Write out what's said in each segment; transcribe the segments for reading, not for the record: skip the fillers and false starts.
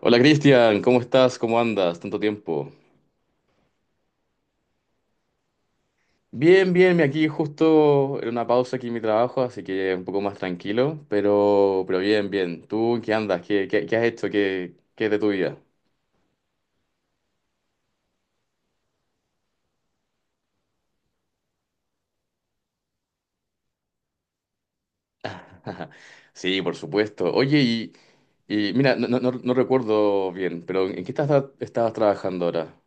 Hola Cristian, ¿cómo estás? ¿Cómo andas? Tanto tiempo. Bien, bien, aquí justo en una pausa aquí en mi trabajo, así que un poco más tranquilo, pero bien, bien. ¿Tú en qué andas? ¿Qué has hecho? ¿Qué es de tu vida? Sí, por supuesto. Oye, mira, no, recuerdo bien, pero ¿en qué estabas trabajando ahora?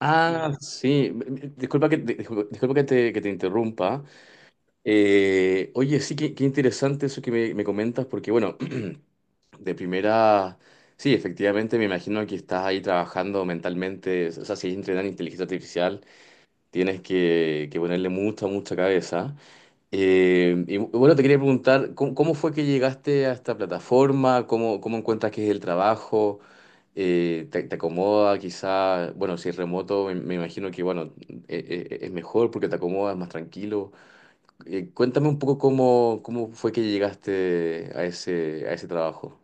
Ah, sí. Disculpa que, disculpa que te interrumpa. Oye, sí, qué interesante eso que me comentas, porque bueno, de primera, sí, efectivamente me imagino que estás ahí trabajando mentalmente, o sea, si es entrenar inteligencia artificial, tienes que ponerle mucha cabeza. Y bueno, te quería preguntar, ¿cómo fue que llegaste a esta plataforma? ¿Cómo encuentras que es el trabajo? Te acomoda quizá? Bueno, si es remoto, me imagino que, bueno, es mejor porque te acomoda, es más tranquilo. Cuéntame un poco cómo fue que llegaste a ese trabajo.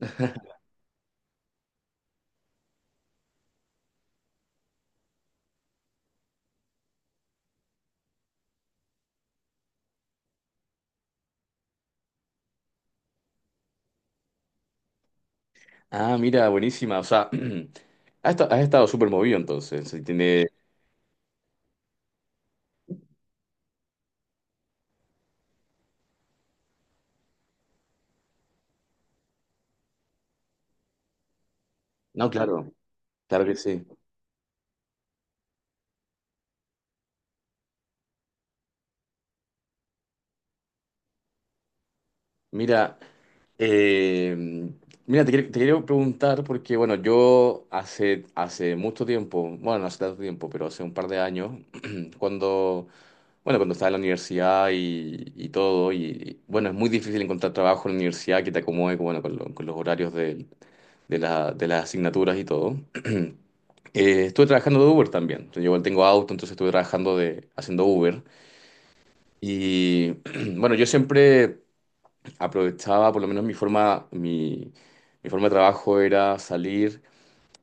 Ah, mira, buenísima. O sea, has estado súper movido entonces. Si tiene... No, claro, claro que sí. Mira, eh, Mira, te quiero preguntar porque, bueno, yo hace mucho tiempo, bueno, no hace tanto tiempo, pero hace un par de años, cuando, bueno, cuando estaba en la universidad y todo, y, bueno, es muy difícil encontrar trabajo en la universidad que te acomode, bueno, con los horarios de las asignaturas y todo. Estuve trabajando de Uber también. Yo igual tengo auto, entonces estuve trabajando de, haciendo Uber. Y bueno, yo siempre aprovechaba, por lo menos mi forma de trabajo era salir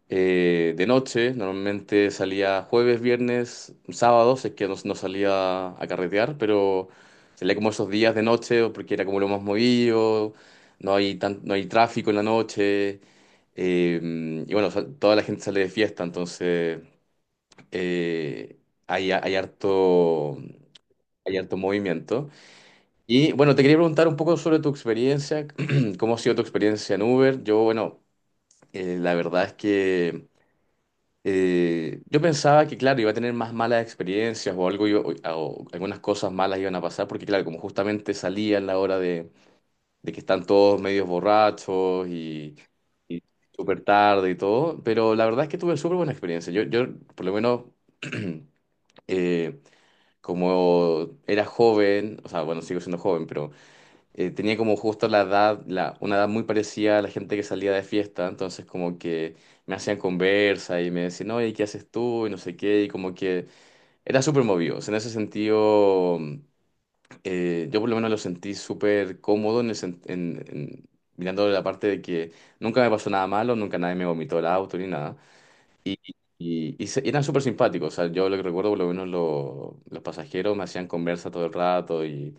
de noche, normalmente salía jueves, viernes, sábados, es que no salía a carretear, pero salía como esos días de noche o porque era como lo más movido, no hay tráfico en la noche, eh, y bueno, toda la gente sale de fiesta, entonces eh, hay hay harto movimiento. Y bueno, te quería preguntar un poco sobre tu experiencia, cómo ha sido tu experiencia en Uber. Yo, bueno, la verdad es que... Yo pensaba que, claro, iba a tener más malas experiencias o algo, o algunas cosas malas iban a pasar, porque, claro, como justamente salía en la hora de que están todos medios borrachos y súper tarde y todo, pero la verdad es que tuve súper buena experiencia. Yo, por lo menos, eh, como era joven, o sea, bueno, sigo siendo joven, tenía como justo una edad muy parecida a la gente que salía de fiesta, entonces como que me hacían conversa y me decían, oye, ¿qué haces tú? Y no sé qué, y como que era súper movido. O sea, en ese sentido, yo por lo menos lo sentí súper cómodo en el sen- en- mirando la parte de que nunca me pasó nada malo, nunca nadie me vomitó el auto ni nada. Y, eran súper simpáticos. O sea, yo lo que recuerdo, por lo menos los pasajeros me hacían conversa todo el rato y,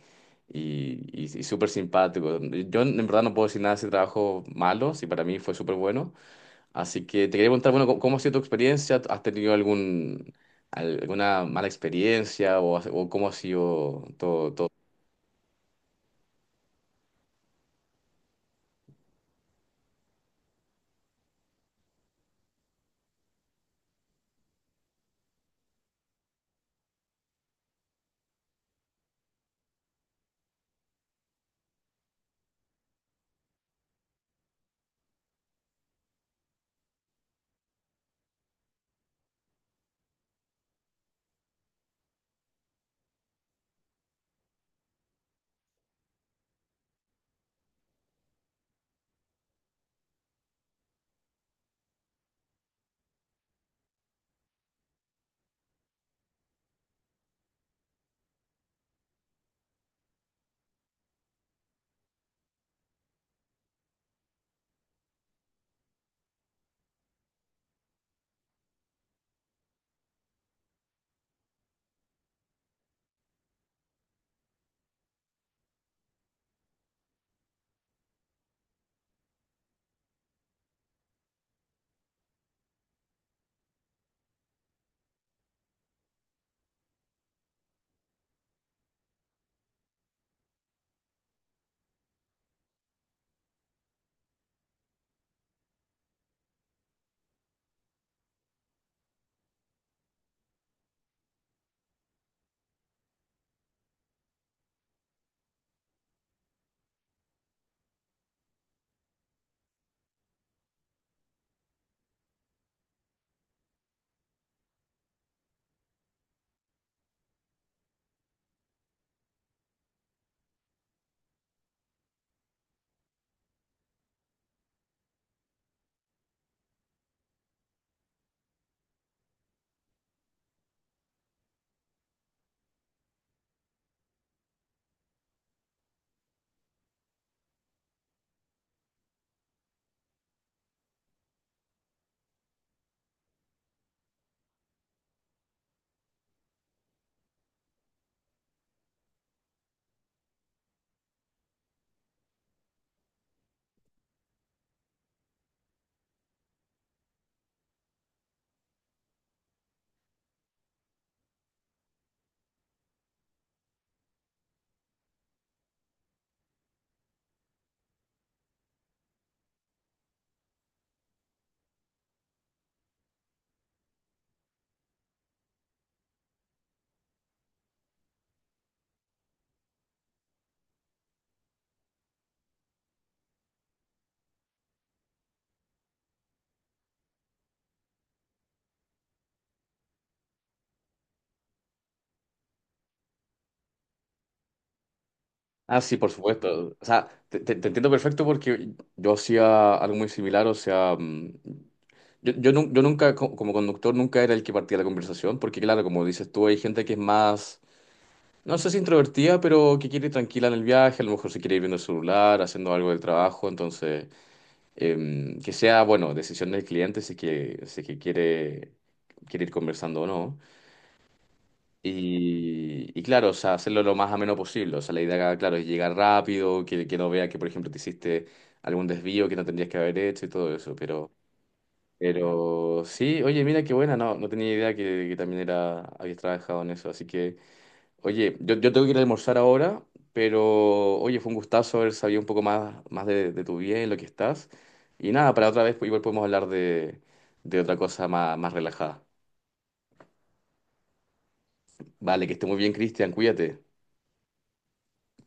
y, y- y súper simpáticos. Yo en verdad no puedo decir nada de ese trabajo malo, si para mí fue súper bueno. Así que te quería preguntar, bueno, ¿cómo ha sido tu experiencia? ¿Has tenido algún, alguna mala experiencia o, o cómo ha sido todo? Ah, sí, por supuesto. O sea, te entiendo perfecto porque yo hacía algo muy similar. O sea, mm, yo nunca, como conductor, nunca era el que partía la conversación, porque claro, como dices tú, hay gente que es más, no sé si introvertida, pero que quiere ir tranquila en el viaje, a lo mejor se quiere ir viendo el celular, haciendo algo del trabajo, entonces, que sea, bueno, decisión del cliente si es que quiere, quiere ir conversando o no. Y claro, o sea, hacerlo lo más ameno posible, o sea, la idea, claro, es llegar rápido, que no vea que, por ejemplo, te hiciste algún desvío que no tendrías que haber hecho y todo eso, pero... Pero sí, oye, mira qué buena, no tenía idea que también era, habías trabajado en eso, así que, oye, yo tengo que ir a almorzar ahora, pero oye, fue un gustazo haber sabido un poco más, más de tu vida y lo que estás. Y nada, para otra vez pues, igual podemos hablar de otra cosa más, más relajada. Vale, que esté muy bien, Cristian, cuídate.